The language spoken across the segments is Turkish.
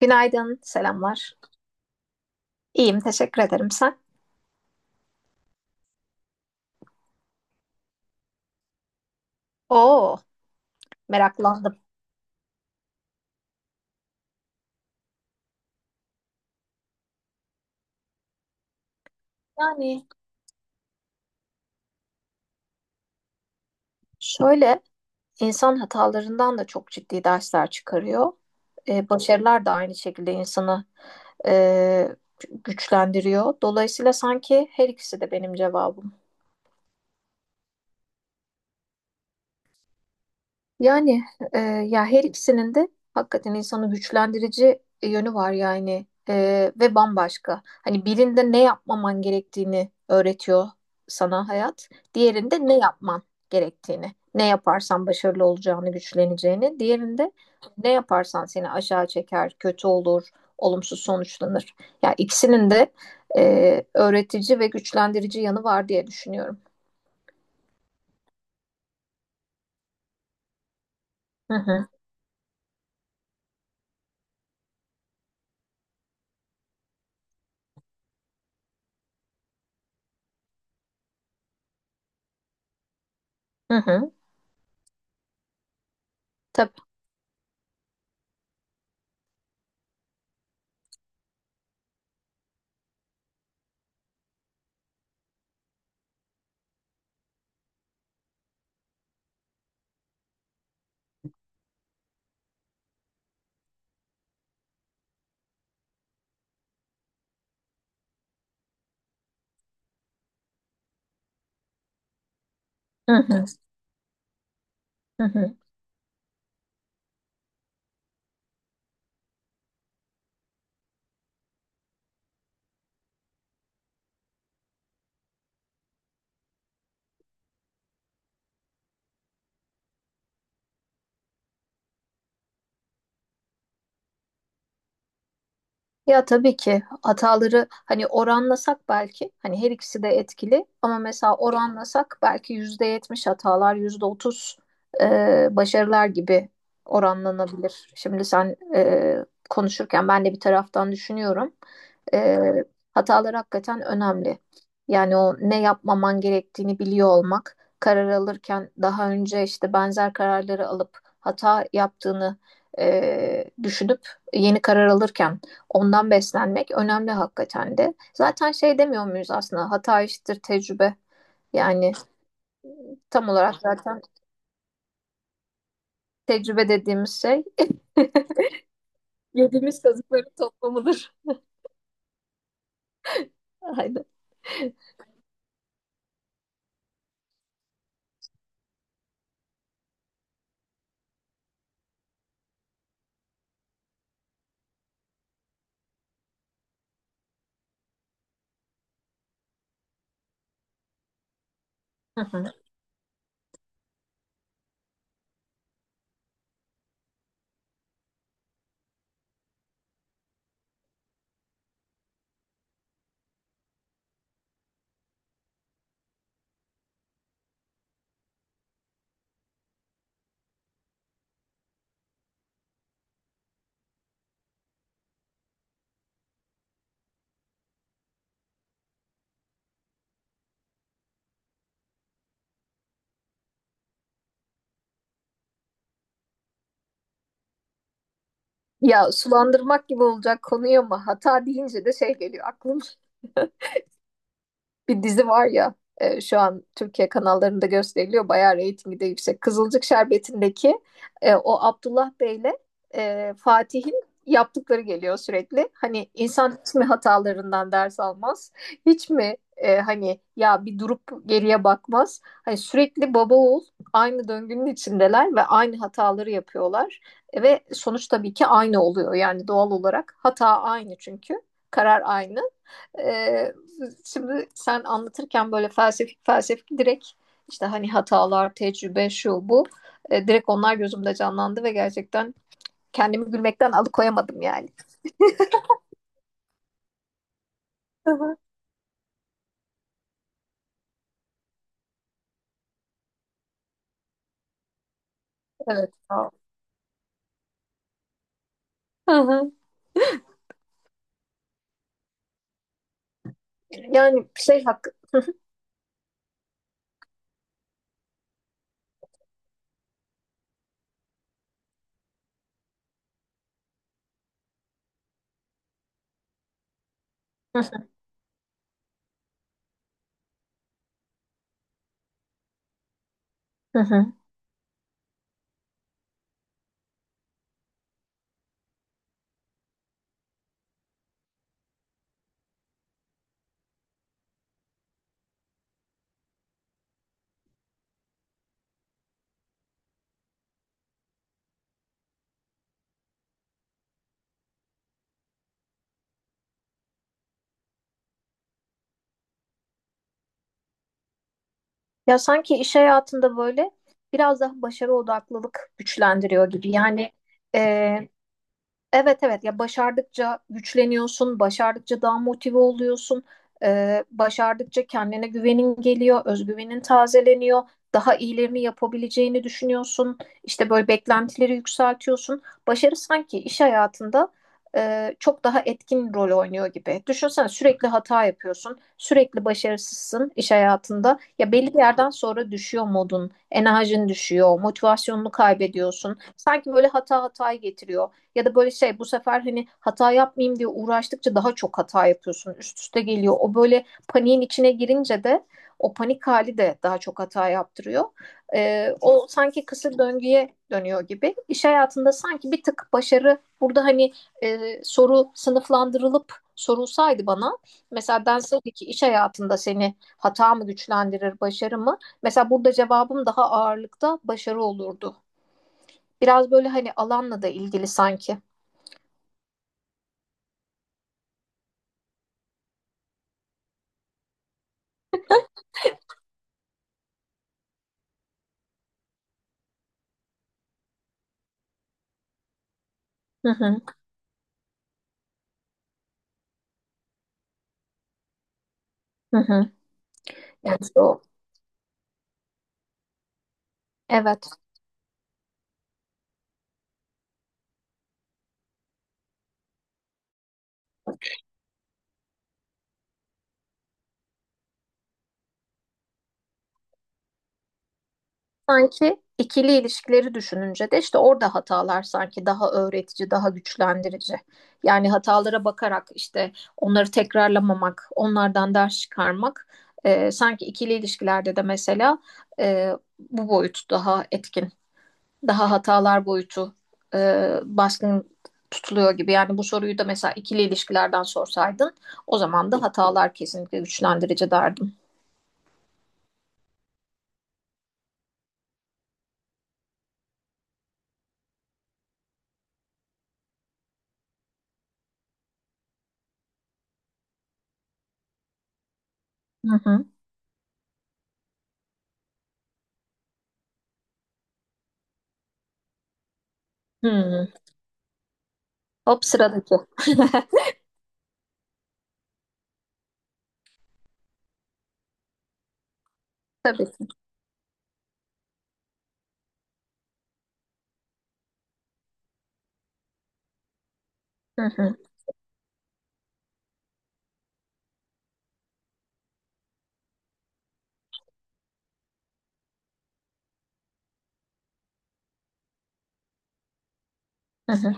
Günaydın, selamlar. İyiyim, teşekkür ederim. Sen? Oo, meraklandım. Yani şöyle, insan hatalarından da çok ciddi dersler çıkarıyor. Başarılar da aynı şekilde insanı e, güçlendiriyor. Dolayısıyla sanki her ikisi de benim cevabım. Yani e, Ya her ikisinin de hakikaten insanı güçlendirici yönü var, ve bambaşka. Hani birinde ne yapmaman gerektiğini öğretiyor sana hayat, diğerinde ne yapman gerektiğini, ne yaparsan başarılı olacağını, güçleneceğini, diğerinde ne yaparsan seni aşağı çeker, kötü olur, olumsuz sonuçlanır. Ya ikisinin de öğretici ve güçlendirici yanı var diye düşünüyorum. Hı hı, hı hı, tabii. Hı hı, hı hı. Ya tabii ki hataları, hani oranlasak, belki hani her ikisi de etkili, ama mesela oranlasak belki %70 hatalar, %30 başarılar gibi oranlanabilir. Şimdi sen konuşurken ben de bir taraftan düşünüyorum. E, Hatalar hakikaten önemli. Yani o ne yapmaman gerektiğini biliyor olmak, karar alırken daha önce işte benzer kararları alıp hata yaptığını düşünüp yeni karar alırken ondan beslenmek önemli hakikaten de. Zaten şey demiyor muyuz, aslında hata eşittir tecrübe. Yani tam olarak zaten tecrübe dediğimiz şey yediğimiz kazıkların toplamıdır. Aynen. Hı hı. Ya sulandırmak gibi olacak konuyu ama hata deyince de şey geliyor aklım. Bir dizi var ya, şu an Türkiye kanallarında gösteriliyor. Bayağı reytingi de yüksek. Kızılcık Şerbeti'ndeki o Abdullah Bey'le Fatih'in yaptıkları geliyor sürekli. Hani insan hiç mi hatalarından ders almaz? Hiç mi, hani ya bir durup geriye bakmaz? Hani sürekli baba oğul aynı döngünün içindeler ve aynı hataları yapıyorlar. Ve sonuç tabii ki aynı oluyor. Yani doğal olarak hata aynı çünkü. Karar aynı. Ee, Şimdi sen anlatırken böyle felsefik felsefik, direkt işte hani hatalar, tecrübe, şu bu. Direkt onlar gözümde canlandı ve gerçekten kendimi gülmekten alıkoyamadım yani. Hı hı. Evet, sağ ol. Hı hı. Yani şey hakkı. Hı hı. Ya sanki iş hayatında böyle biraz daha başarı odaklılık güçlendiriyor gibi. E, Evet, evet, ya başardıkça güçleniyorsun, başardıkça daha motive oluyorsun, başardıkça kendine güvenin geliyor, özgüvenin tazeleniyor, daha iyilerini yapabileceğini düşünüyorsun, işte böyle beklentileri yükseltiyorsun. Başarı sanki iş hayatında çok daha etkin rol oynuyor gibi. Düşünsene, sürekli hata yapıyorsun, sürekli başarısızsın iş hayatında. Ya belli bir yerden sonra düşüyor modun, enerjin düşüyor, motivasyonunu kaybediyorsun. Sanki böyle hata hatayı getiriyor. Ya da böyle şey, bu sefer hani hata yapmayayım diye uğraştıkça daha çok hata yapıyorsun. Üst üste geliyor. O böyle paniğin içine girince de o panik hali de daha çok hata yaptırıyor. O sanki kısır döngüye dönüyor gibi. İş hayatında sanki bir tık başarı burada, hani soru sınıflandırılıp sorulsaydı bana, mesela denseydi ki iş hayatında seni hata mı güçlendirir başarı mı? Mesela burada cevabım daha ağırlıkta başarı olurdu. Biraz böyle hani alanla da ilgili sanki. Hı hı. Hı hı. Yani işte o, evet, sanki ikili ilişkileri düşününce de işte orada hatalar sanki daha öğretici, daha güçlendirici. Yani hatalara bakarak işte onları tekrarlamamak, onlardan ders çıkarmak, sanki ikili ilişkilerde de mesela e, bu boyut daha etkin, daha hatalar boyutu baskın tutuluyor gibi. Yani bu soruyu da mesela ikili ilişkilerden sorsaydın, o zaman da hatalar kesinlikle güçlendirici derdim. Hı hı. Hı. Hop sıradaki. Tabii ki. Hı hı, hı hı.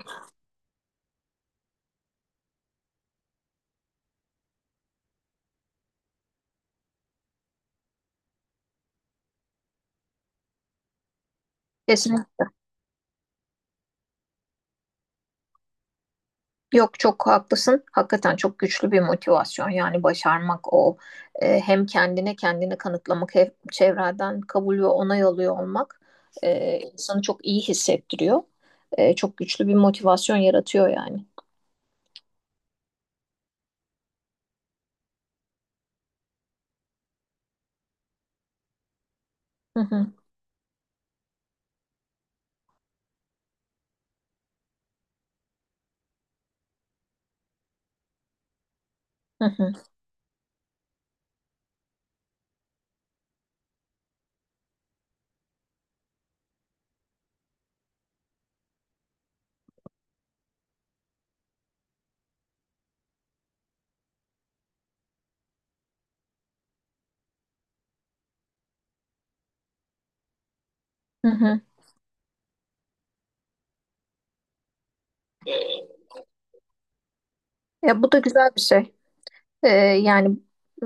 Kesin. Yok, çok haklısın. Hakikaten çok güçlü bir motivasyon. Yani başarmak o. Hem kendine kendini kanıtlamak, hem çevreden kabul ve onay alıyor olmak insanı çok iyi hissettiriyor. Çok güçlü bir motivasyon yaratıyor yani. Hı hı, hı hı, hı hı. Ya bu da güzel bir şey. Ee, Yani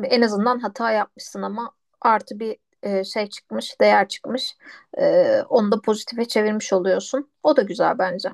en azından hata yapmışsın ama artı bir şey çıkmış, değer çıkmış. Onu da pozitife çevirmiş oluyorsun. O da güzel bence.